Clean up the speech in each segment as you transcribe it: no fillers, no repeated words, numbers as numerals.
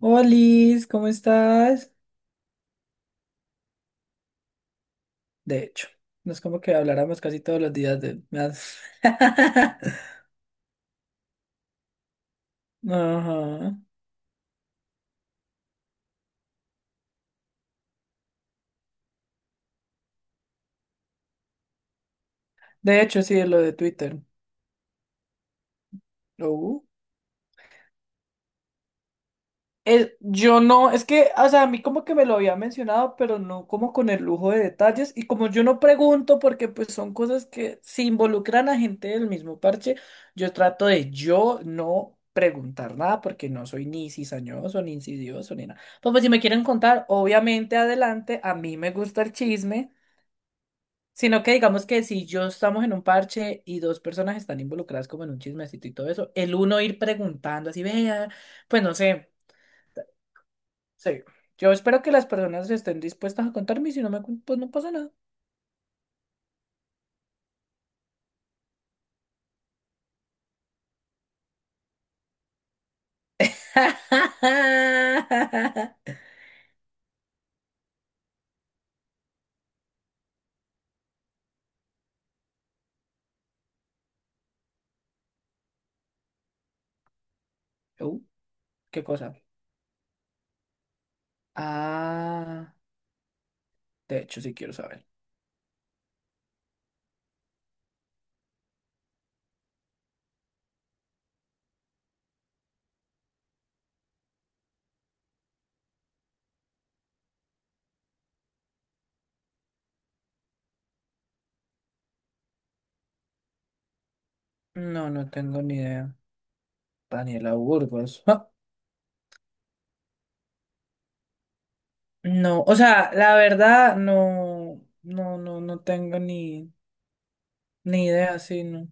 Hola, Liz, ¿cómo estás? De hecho, no es como que habláramos casi todos los días de... me has- Ajá. De hecho, sí, lo de Twitter. Uh. Yo no, es que, o sea, a mí como que me lo había mencionado, pero no como con el lujo de detalles. Y como yo no pregunto, porque pues son cosas que se involucran a gente del mismo parche, yo trato de yo no preguntar nada, porque no soy ni cizañoso, ni insidioso, ni nada. Pues si me quieren contar, obviamente adelante, a mí me gusta el chisme. Sino que digamos que si yo estamos en un parche y dos personas están involucradas como en un chismecito y todo eso, el uno ir preguntando así, vea, pues no sé. Sí. Yo espero que las personas estén dispuestas a contarme y si no me cu- pues no pasa nada. Uh, ¿qué cosa? Ah, de hecho, sí quiero saber. No, no tengo ni idea. Daniela Burgos. Ah, no, o sea, la verdad, no, no, no, no tengo ni, ni idea, sí, no.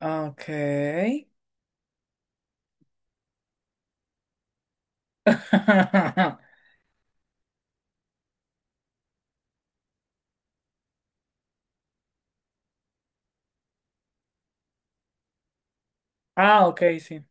Ah, ok. Ah, ok, sí.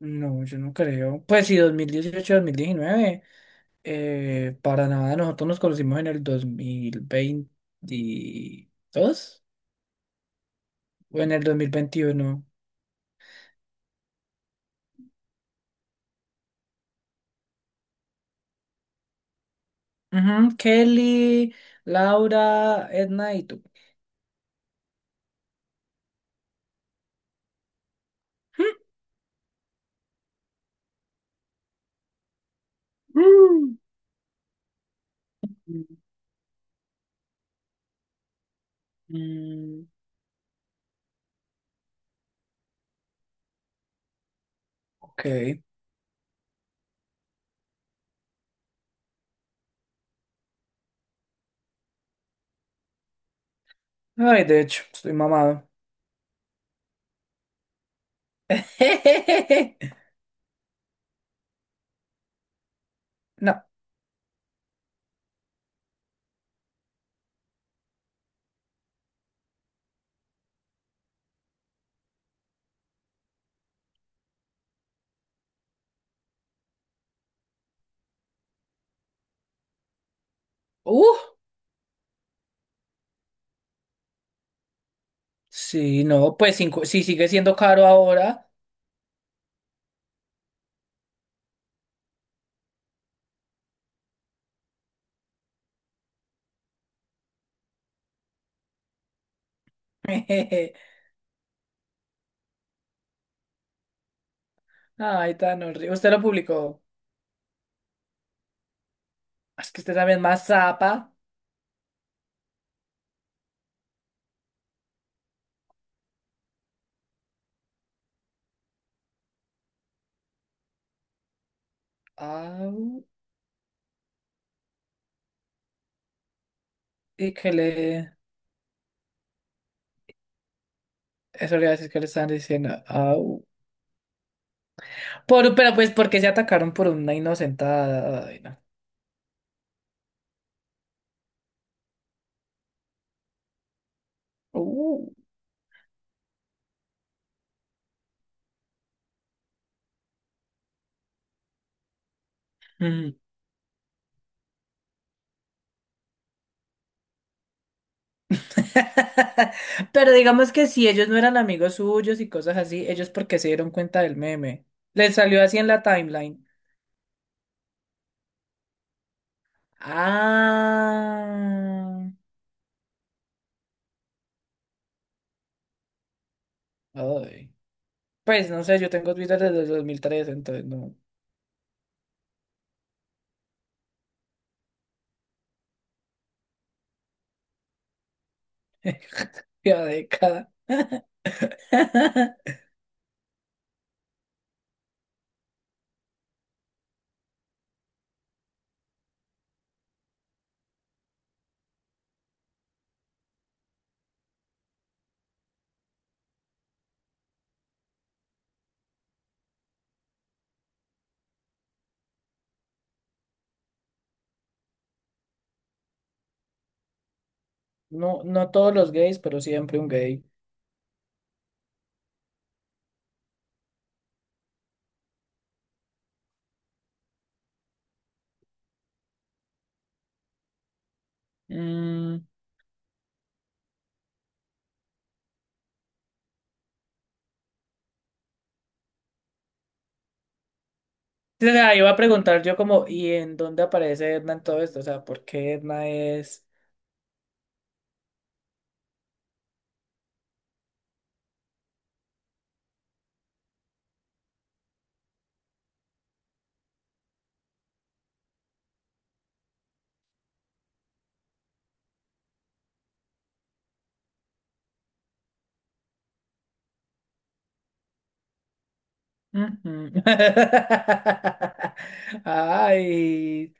No, yo no creo. Pues sí, dos mil dieciocho, 2019. Para nada, nosotros nos conocimos en el 2022 o en el 2021. Ujú, Kelly, Laura, Edna y tú. Mm. Mm. Ok. Ay, de hecho, estoy mamado. No. Uh, sí, no, pues cinco, sí sigue siendo caro ahora. Ay, tan horrible. Usted lo publicó. Es que usted también más zapa. Ah, y que le eso le iba a decir que le estaban diciendo. Au. Por, pero pues porque se atacaron por una inocentada. Ay, no. Uh. Mm. Pero digamos que si ellos no eran amigos suyos y cosas así, ellos porque se dieron cuenta del meme. Les salió así en la timeline. Ah. Ay. Pues no sé, yo tengo Twitter desde el 2003 entonces no. Ya década. No, no todos los gays, pero siempre un gay. Mm, sí, o sea, iba a preguntar yo como, ¿y en dónde aparece Edna en todo esto? O sea, ¿por qué Edna es...? Ujú. Ay,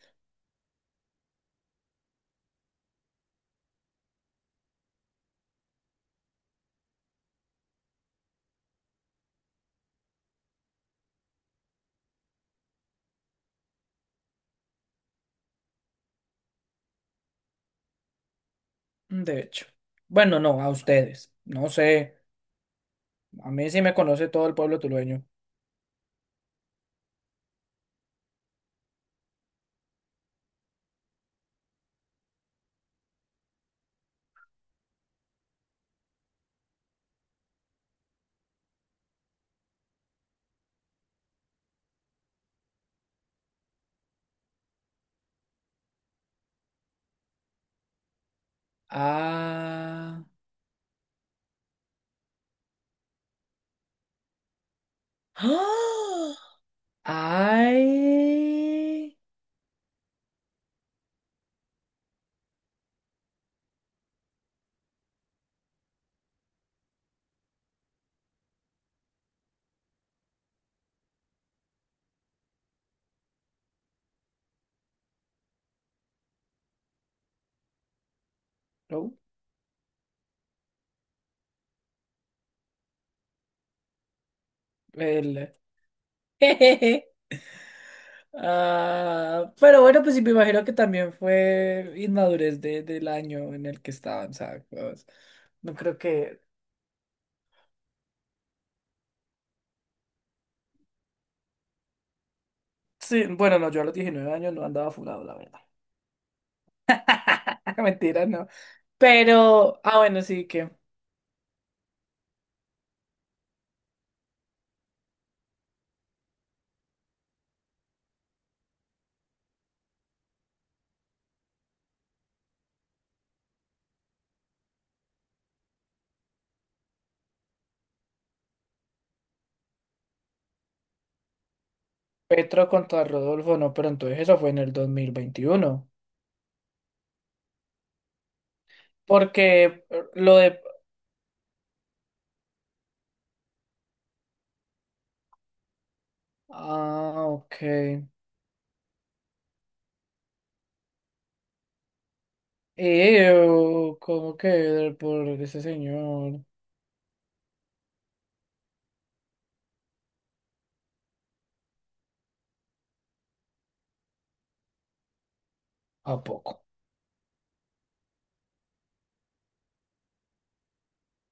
de hecho. Bueno, no, a ustedes. No sé. A mí sí me conoce todo el pueblo tulueño. Ah. ¡Ah! Ay. No, el... Ah, pero bueno, pues sí, me imagino que también fue inmadurez de, del año en el que estaban, ¿sabes? Pues, no creo que... Sí, bueno, no, yo a los 19 años no andaba fulado, la verdad. Mentira, no. Pero, ah, bueno, sí que Petro contra Rodolfo, no, pero entonces eso fue en el 2021. Porque lo de... Ah, ok. Ew, ¿cómo que por ese señor? ¿A poco?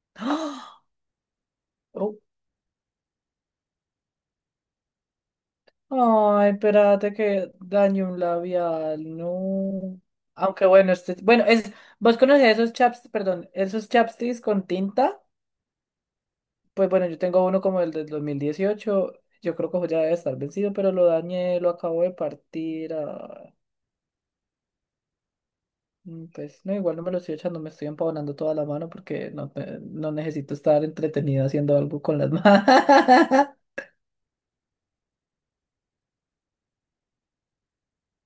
Ah. Ay, espérate que dañé un labial, no. Aunque bueno, este, bueno, es, vos conocés esos chaps, perdón, esos chapsticks con tinta. Pues bueno, yo tengo uno como el del 2018. Yo creo que ya debe estar vencido, pero lo dañé, lo acabo de partir. Ah, mm, pues no, igual no me lo estoy echando, me estoy empavonando toda la mano porque no, te- no necesito estar entretenido haciendo algo con las manos.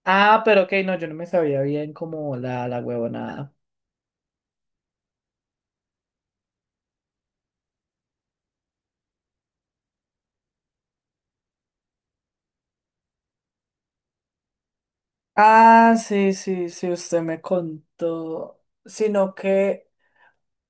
Ah, pero ok, no, yo no me sabía bien como la huevonada. Ah, sí, sí, sí, usted me contó. Sino que,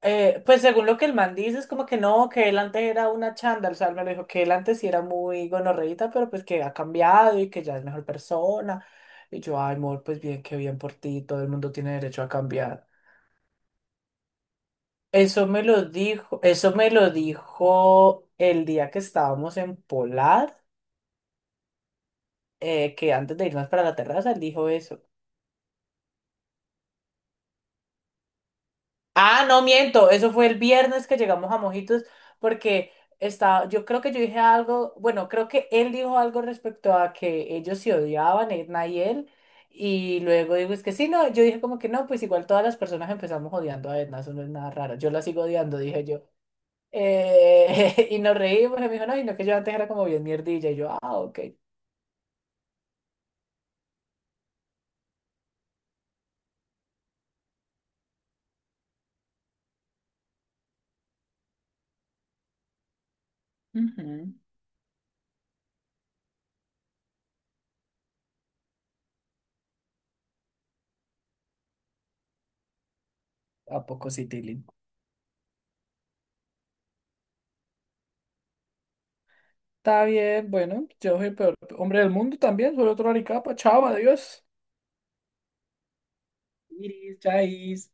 pues según lo que el man dice, es como que no, que él antes era una chándal, o sea, él me lo dijo que él antes sí era muy gonorreíta, pero pues que ha cambiado y que ya es mejor persona. Y yo, ay, amor, pues bien, qué bien por ti, todo el mundo tiene derecho a cambiar. Eso me lo dijo, eso me lo dijo el día que estábamos en Polar, que antes de irnos para la terraza, él dijo eso. Ah, no miento, eso fue el viernes que llegamos a Mojitos porque estaba, yo creo que yo dije algo, bueno, creo que él dijo algo respecto a que ellos se odiaban, Edna y él, y luego digo, es que sí, no, yo dije como que no, pues igual todas las personas empezamos odiando a Edna, eso no es nada raro, yo la sigo odiando, dije yo. Y nos reímos, y me dijo, no, y no, que yo antes era como bien mierdilla, y yo, ah, ok. Ujú. ¿A poco sí, Tilly? Está bien, bueno, yo soy el peor hombre del mundo también, soy otro aricapa, chao, adiós. Iris, chais.